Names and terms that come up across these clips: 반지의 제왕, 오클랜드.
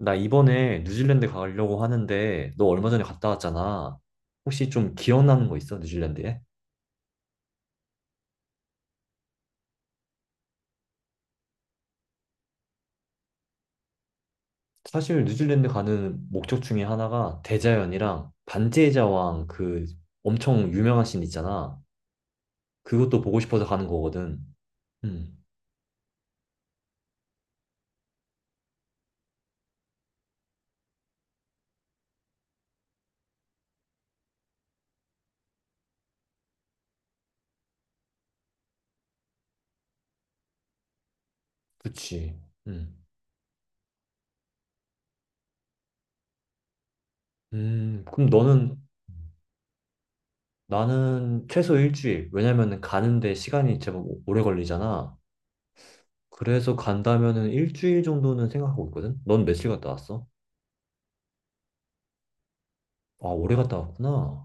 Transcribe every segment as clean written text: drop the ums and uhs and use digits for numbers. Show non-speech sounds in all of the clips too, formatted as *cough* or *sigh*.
나 이번에 뉴질랜드 가려고 하는데 너 얼마 전에 갔다 왔잖아. 혹시 좀 기억나는 거 있어? 뉴질랜드에? 사실 뉴질랜드 가는 목적 중에 하나가 대자연이랑 반지의 제왕 그 엄청 유명한 씬 있잖아. 그것도 보고 싶어서 가는 거거든. 음. 그치. 음. 그럼 너는. 나는 최소 1주일. 왜냐면은 가는데 시간이 제법 오래 걸리잖아. 그래서 간다면은 1주일 정도는 생각하고 있거든. 넌 며칠 갔다 왔어? 아, 오래 갔다 왔구나.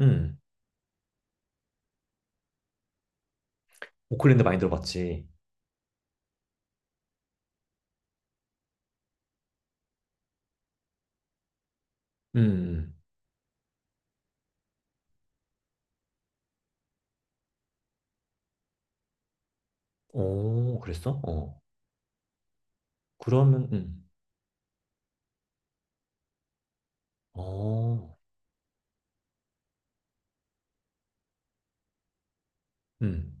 음. 오클랜드 많이 들어봤지. 음. 오, 그랬어? 어. 그러면, 어. 음.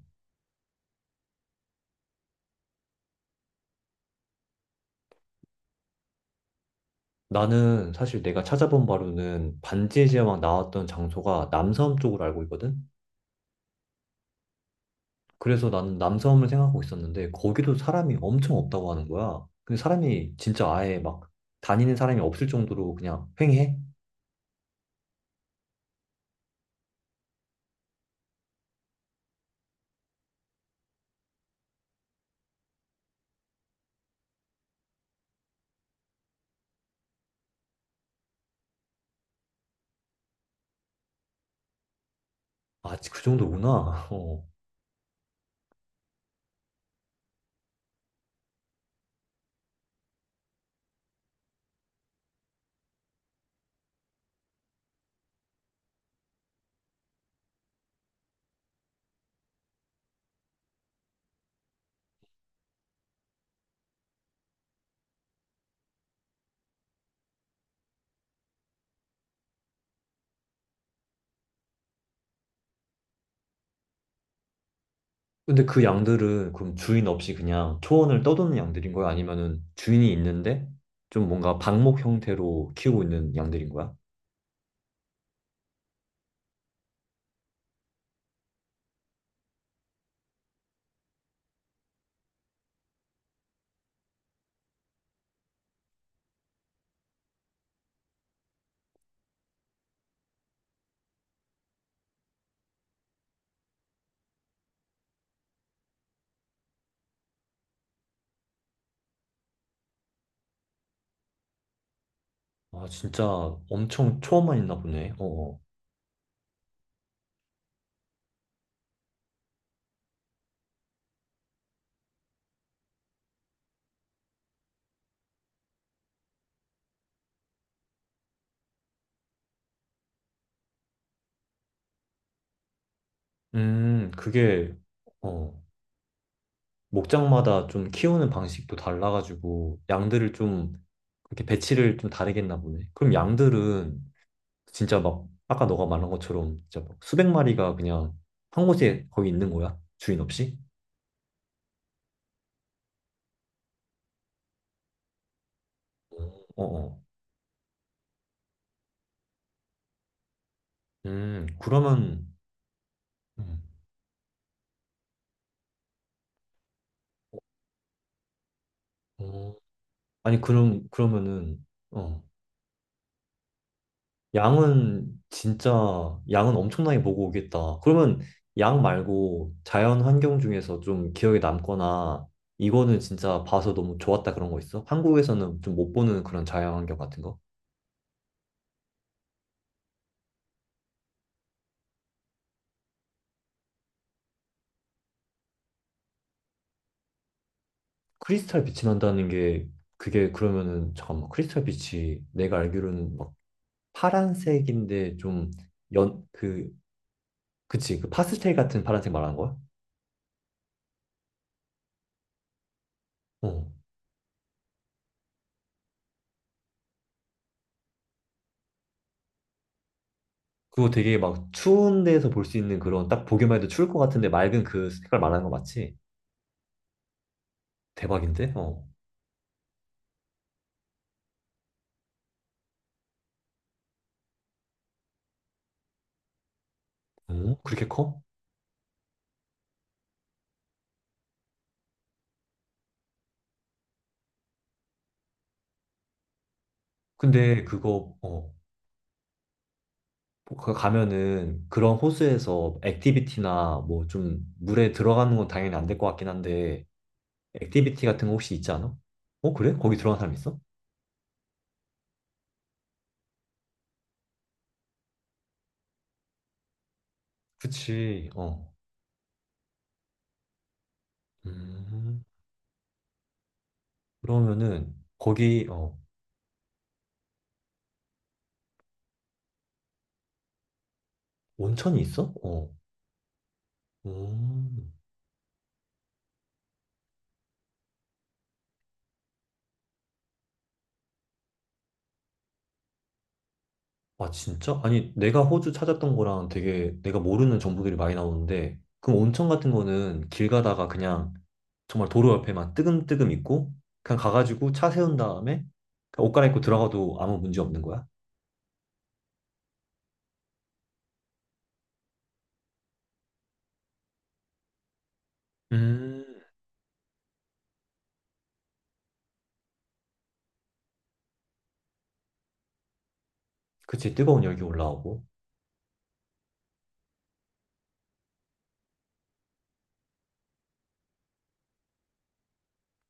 나는 사실 내가 찾아본 바로는 반지의 제왕 나왔던 장소가 남섬 쪽으로 알고 있거든? 그래서 나는 남섬을 생각하고 있었는데, 거기도 사람이 엄청 없다고 하는 거야. 근데 사람이 진짜 아예 막 다니는 사람이 없을 정도로 그냥 횡해? 아, 그 정도구나. *laughs* 어. 근데 그 양들은 그럼 주인 없이 그냥 초원을 떠도는 양들인 거야? 아니면은 주인이 있는데 좀 뭔가 방목 형태로 키우고 있는 양들인 거야? 아, 진짜 엄청 초원만 있나 보네. 어. 음, 그게 어, 목장마다 좀 키우는 방식도 달라가지고 양들을 좀 그렇게 배치를 좀 다르겠나 보네. 그럼 양들은 진짜 막 아까 너가 말한 것처럼 진짜 막 수백 마리가 그냥 한 곳에 거기 있는 거야? 주인 없이? 어, 어. 그러면, 음, 어, 아니, 그럼, 그러면은, 어, 양은 진짜, 양은 엄청나게 보고 오겠다. 그러면 양 말고 자연 환경 중에서 좀 기억에 남거나, 이거는 진짜 봐서 너무 좋았다 그런 거 있어? 한국에서는 좀 못 보는 그런 자연 환경 같은 거? 크리스탈 빛이 난다는 게, 그게 그러면은, 잠깐만, 크리스탈 빛이 내가 알기로는 막 파란색인데 좀 연, 그, 그치, 그 파스텔 같은 파란색 말하는 거야? 어. 그거 되게 막 추운 데서 볼 수 있는 그런 딱 보기만 해도 추울 것 같은데 맑은 그 색깔 말하는 거 맞지? 대박인데? 어. 어? 그렇게 커? 근데 그거, 어. 거 가면은 그런 호수에서 액티비티나 뭐 좀 물에 들어가는 건 당연히 안 될 것 같긴 한데 액티비티 같은 거 혹시 있지 않아? 어, 그래? 거기 들어간 사람 있어? 그치. 어. 음. 그러면은 거기 어 온천이 있어? 어. 음. 아, 진짜? 아니, 내가 호주 찾았던 거랑 되게 내가 모르는 정보들이 많이 나오는데, 그럼 온천 같은 거는 길 가다가 그냥 정말 도로 옆에만 뜨금뜨금 있고, 그냥 가가지고 차 세운 다음에 그냥 옷 갈아입고 들어가도 아무 문제 없는 거야? 음. 그치, 뜨거운 열기 올라오고.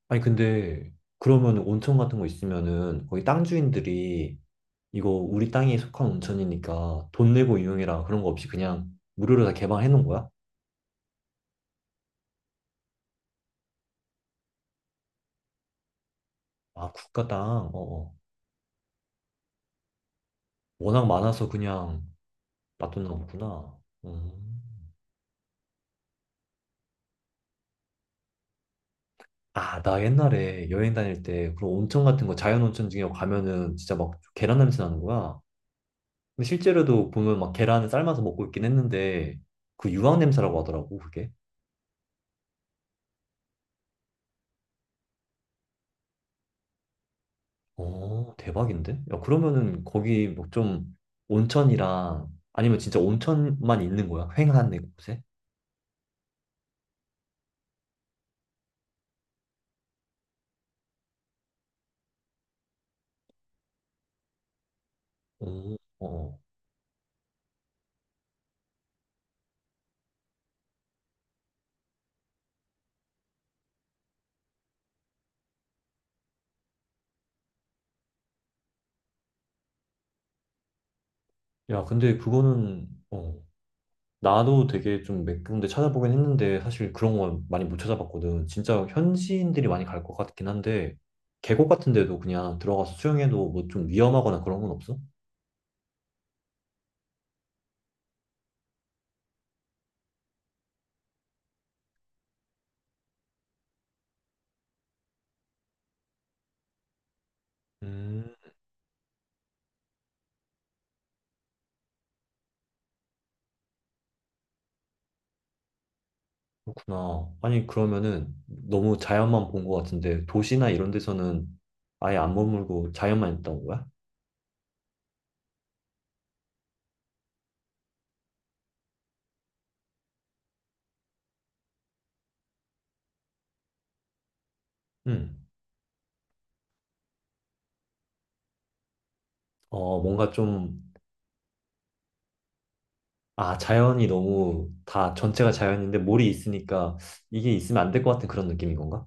아니, 근데 그러면 온천 같은 거 있으면은 거기 땅 주인들이 이거 우리 땅에 속한 온천이니까 돈 내고 이용해라 그런 거 없이 그냥 무료로 다 개방해 놓은 거야? 아, 국가 땅. 어, 어. 워낙 많아서 그냥 맛도 나오구나. 음. 아, 나 옛날에 여행 다닐 때 그런 온천 같은 거 자연 온천 중에 가면은 진짜 막 계란 냄새 나는 거야. 근데 실제로도 보면 막 계란을 삶아서 먹고 있긴 했는데 그 유황 냄새라고 하더라고 그게. 어, 대박인데? 야, 그러면은 거기 뭐 좀 온천이랑 아니면 진짜 온천만 있는 거야? 휑한 내 곳에? 어, 어. 어. 야, 근데 그거는, 어. 나도 되게 좀 몇 군데 찾아보긴 했는데 사실 그런 건 많이 못 찾아봤거든. 진짜 현지인들이 많이 갈 것 같긴 한데 계곡 같은 데도 그냥 들어가서 수영해도 뭐 좀 위험하거나 그런 건 없어? 음. 그렇구나. 아니 그러면은 너무 자연만 본 것 같은데 도시나 이런 데서는 아예 안 머물고 자연만 있다는 거야? 음. 어, 뭔가 좀, 아, 자연이 너무 다 전체가 자연인데 몰이 있으니까 이게 있으면 안 될 것 같은 그런 느낌인 건가?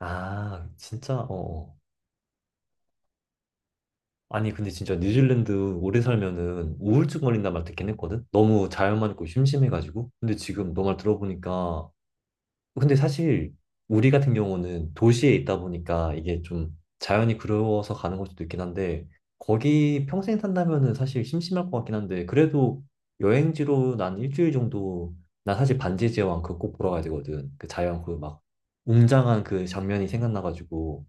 아, 진짜? 어. 아니 근데 진짜 뉴질랜드 오래 살면은 우울증 걸린단 말 듣긴 했거든. 너무 자연만 있고 심심해가지고. 근데 지금 너 말 들어보니까 근데 사실 우리 같은 경우는 도시에 있다 보니까 이게 좀 자연이 그리워서 가는 걸 수도 있긴 한데 거기 평생 산다면은 사실 심심할 것 같긴 한데 그래도 여행지로 난 1주일 정도, 난 사실 반지의 제왕 그거 꼭 보러 가야 되거든. 그 자연 그 막 웅장한 그 장면이 생각나가지고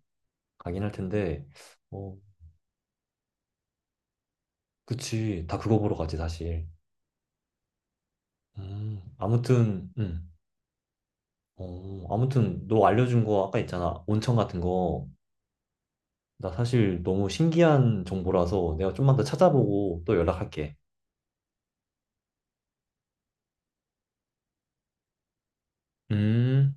가긴 할 텐데. 어, 그치. 다 그거 보러 가지, 사실. 음, 아무튼, 음, 아무튼, 너 알려준 거 아까 있잖아. 온천 같은 거. 나 사실 너무 신기한 정보라서 내가 좀만 더 찾아보고 또 연락할게. 음.